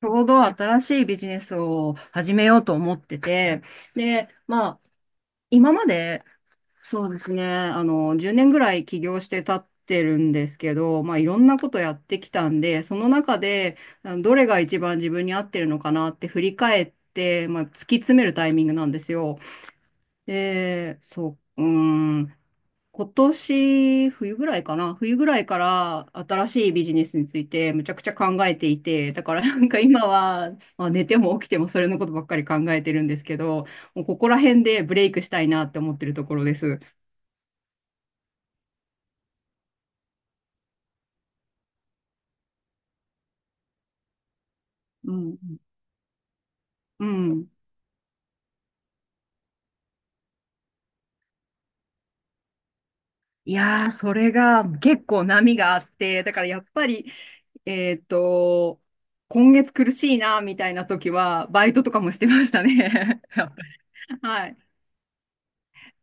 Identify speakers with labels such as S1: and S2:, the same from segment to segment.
S1: ちょうど新しいビジネスを始めようと思ってて、で、まあ、今まで、そうですね、10年ぐらい起業して経ってるんですけど、まあ、いろんなことやってきたんで、その中で、どれが一番自分に合ってるのかなって振り返って、まあ、突き詰めるタイミングなんですよ。で、そう、うーん。今年冬ぐらいかな冬ぐらいから新しいビジネスについてむちゃくちゃ考えていて、だから 今は、まあ、寝ても起きてもそれのことばっかり考えてるんですけど、もうここら辺でブレイクしたいなって思ってるところです。うん。うん。いやー、それが結構波があって、だからやっぱり、えっと、今月苦しいなみたいな時は、バイトとかもしてましたね。やっぱり。はい。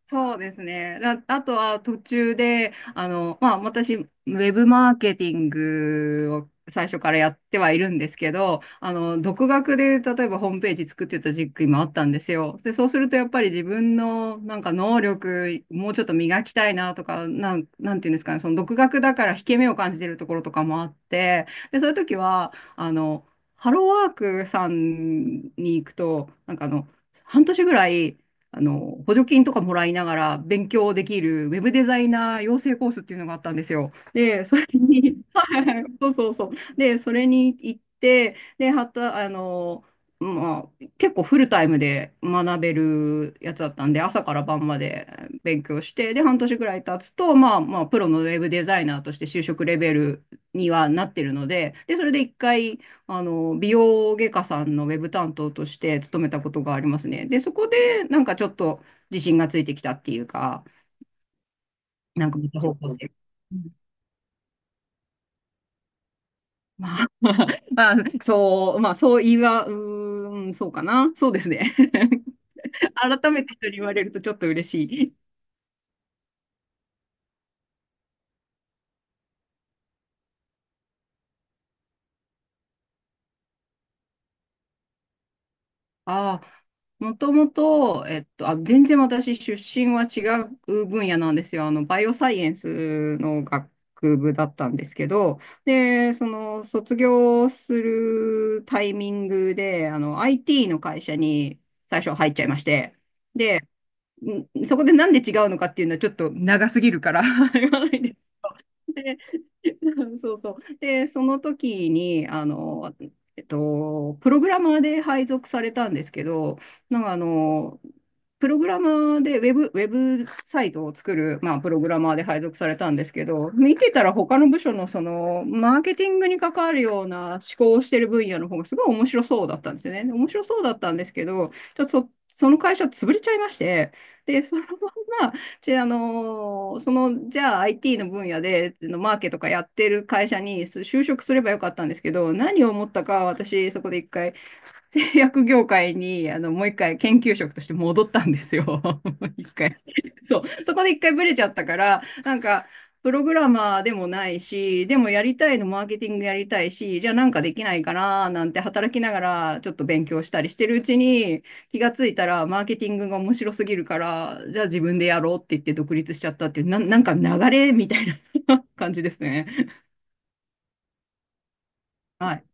S1: そうですね。あ、あとは途中で、私、ウェブマーケティングを最初からやってはいるんですけど、独学で例えばホームページ作ってた時期もあったんですよ。で、そうするとやっぱり自分のなんか能力、もうちょっと磨きたいなとか、なんていうんですかね、その独学だから引け目を感じてるところとかもあって、で、そういう時は、ハローワークさんに行くと、半年ぐらい、補助金とかもらいながら勉強できるウェブデザイナー養成コースっていうのがあったんですよ。で、それに、はい、そうそうそう。で、それに行って、で、はた、あの、まあ、結構フルタイムで学べるやつだったんで、朝から晩まで勉強して、で、半年ぐらい経つと、まあ、プロのウェブデザイナーとして就職レベルにはなってるので、で、それで一回、美容外科さんのウェブ担当として勤めたことがありますね。で、そこで、なんかちょっと自信がついてきたっていうか、なんかまた方向性。うん。まあ、まあ、そう言いは、そうかな。そうですね。改めて人に言われるとちょっと嬉しい。ああ、もともと、全然私出身は違う分野なんですよ。あの、バイオサイエンスの学部だったんですけど、で、その、卒業するタイミングで、IT の会社に最初入っちゃいまして、で、そこでなんで違うのかっていうのはちょっと長すぎるから 言わないんで、そうそう。で、その時に、プログラマーで配属されたんですけど、なんかあの、プログラマーでウェブ、ウェブサイトを作る、まあ、プログラマーで配属されたんですけど、見てたら他の部署のその、マーケティングに関わるような思考をしてる分野の方がすごい面白そうだったんですよね。で、面白そうだったんですけど、ちょっとそ、その会社潰れちゃいまして、で、そのまんまじゃあ、じゃあ IT の分野で、のマーケとかやってる会社に就職すればよかったんですけど、何を思ったか、私、そこで一回、製薬業界に、もう一回研究職として戻ったんですよ。もう一回。そう。そこで一回ブレちゃったから、プログラマーでもないし、でもやりたいのマーケティングやりたいし、じゃあなんかできないかななんて働きながらちょっと勉強したりしてるうちに気がついたらマーケティングが面白すぎるから、じゃあ自分でやろうって言って独立しちゃったっていう、なんか流れみたいな 感じですね。はい。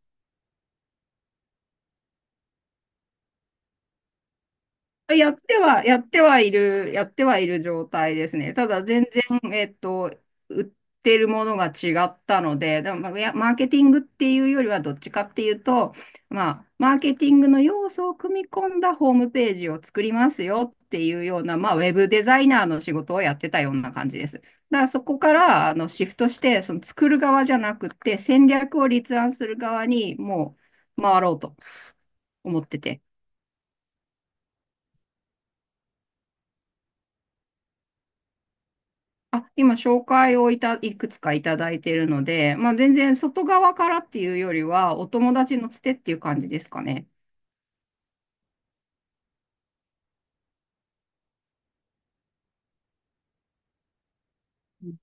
S1: やってはいる状態ですね。ただ全然、えっと、売ってるものが違ったので、でもまあいや、マーケティングっていうよりはどっちかっていうと、まあ、マーケティングの要素を組み込んだホームページを作りますよっていうような、まあ、ウェブデザイナーの仕事をやってたような感じです。だからそこからシフトして、その作る側じゃなくて、戦略を立案する側に回ろうと思ってて。あ、今紹介をいた、いくつかいただいているので、まあ全然外側からっていうよりは、お友達のつてっていう感じですかね。うん。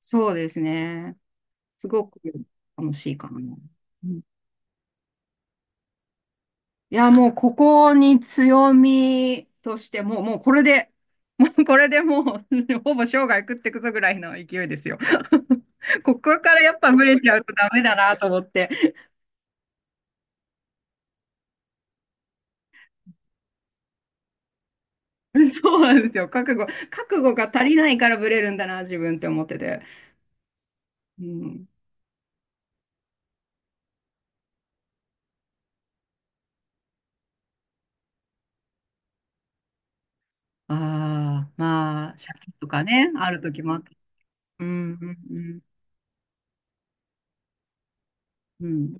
S1: そうですね。すごく楽しいかな。うん。いや、もうここに強みとして、もう、もうこれで、もうこれでもう、ほぼ生涯食ってくぞぐらいの勢いですよ。ここからやっぱブレちゃうとダメだなと思って。そうなんですよ。覚悟が足りないからブレるんだな、自分って思ってて。うん。ああ、まあ、借金とかね、ある時もあった。うん、うん、うん、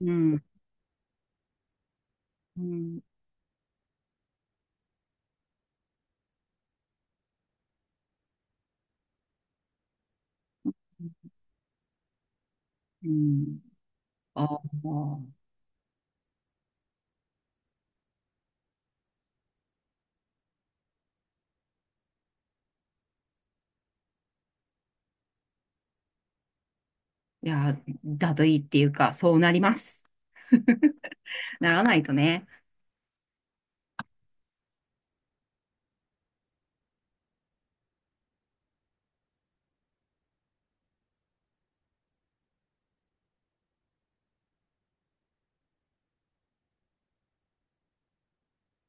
S1: うん、うん、うん。ああー、いや、だといいっていうか、そうなります。ならないとね。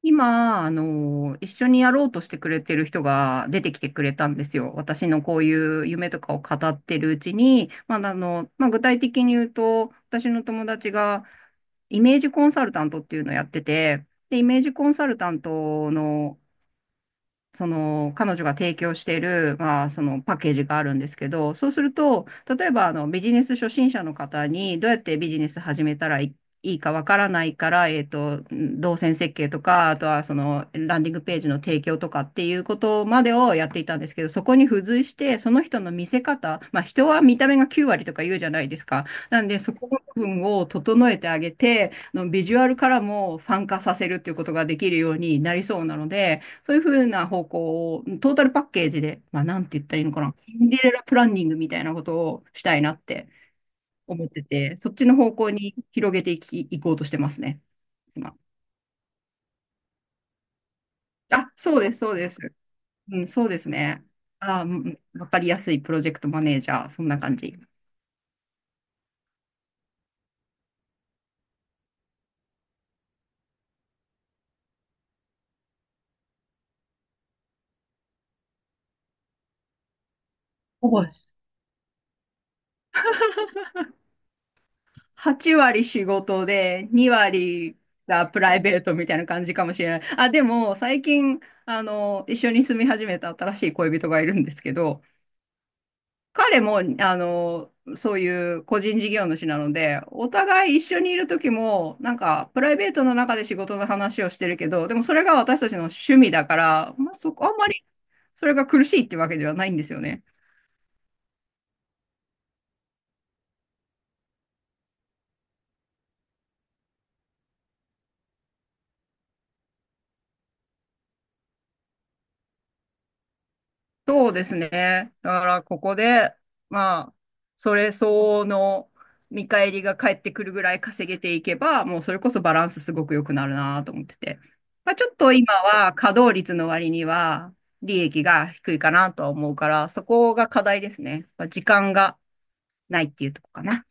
S1: 今、一緒にやろうとしてくれてる人が出てきてくれたんですよ。私のこういう夢とかを語ってるうちに、具体的に言うと、私の友達がイメージコンサルタントっていうのをやってて、で、イメージコンサルタントのその彼女が提供している、まあ、そのパッケージがあるんですけど、そうすると、例えばビジネス初心者の方にどうやってビジネス始めたらいかわからないから、動線設計とか、あとはそのランディングページの提供とかっていうことまでをやっていたんですけど、そこに付随して、その人の見せ方、まあ人は見た目が9割とか言うじゃないですか。なんで、そこの部分を整えてあげて、ビジュアルからもファン化させるっていうことができるようになりそうなので、そういうふうな方向を、トータルパッケージで、まあ、なんて言ったらいいのかな、シンデレラプランニングみたいなことをしたいなって思ってて、そっちの方向に広げていき、いこうとしてますね、今。あ、そうです、そうです。うん、そうですね。わかりやすいプロジェクトマネージャー、そんな感じ。ほぼ8割仕事で、2割がプライベートみたいな感じかもしれない。あ、でも、最近、一緒に住み始めた新しい恋人がいるんですけど、彼も、そういう個人事業主なので、お互い一緒にいる時も、プライベートの中で仕事の話をしてるけど、でもそれが私たちの趣味だから、まあ、そこ、あんまりそれが苦しいってわけではないんですよね。そうですね。だからここで、まあ、それ相応の見返りが返ってくるぐらい稼げていけば、もうそれこそバランスすごく良くなるなと思ってて。まあ、ちょっと今は稼働率の割には利益が低いかなとは思うから、そこが課題ですね。まあ時間がないっていうとこかな。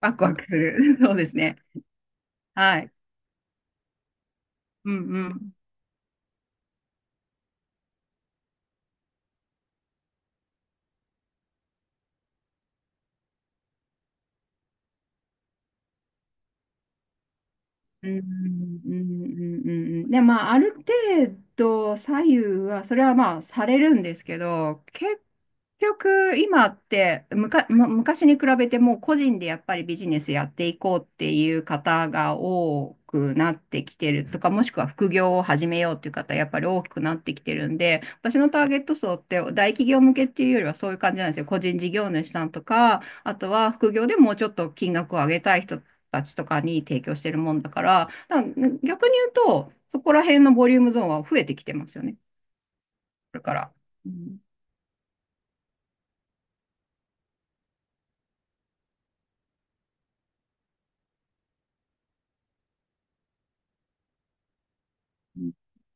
S1: ワクワクする。そうですね。はい。うん、うん。うん、うん、うん、うん、うん。で、まあ、ある程度左右は、それはまあ、されるんですけど、結局、今って、むか、む、昔に比べてもう個人でやっぱりビジネスやっていこうっていう方が多くなってきてるとか、もしくは副業を始めようっていう方、やっぱり大きくなってきてるんで、私のターゲット層って大企業向けっていうよりはそういう感じなんですよ。個人事業主さんとか、あとは副業でもうちょっと金額を上げたい人たちとかに提供してるもんだから、だから逆に言うと、そこら辺のボリュームゾーンは増えてきてますよね。これから。うん。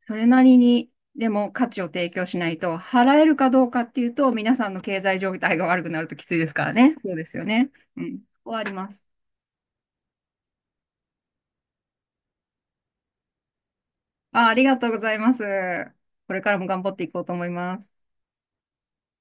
S1: それなりに、でも価値を提供しないと、払えるかどうかっていうと、皆さんの経済状態が悪くなるときついですからね。そうですよね。うん。終わります。あ、ありがとうございます。これからも頑張っていこうと思います。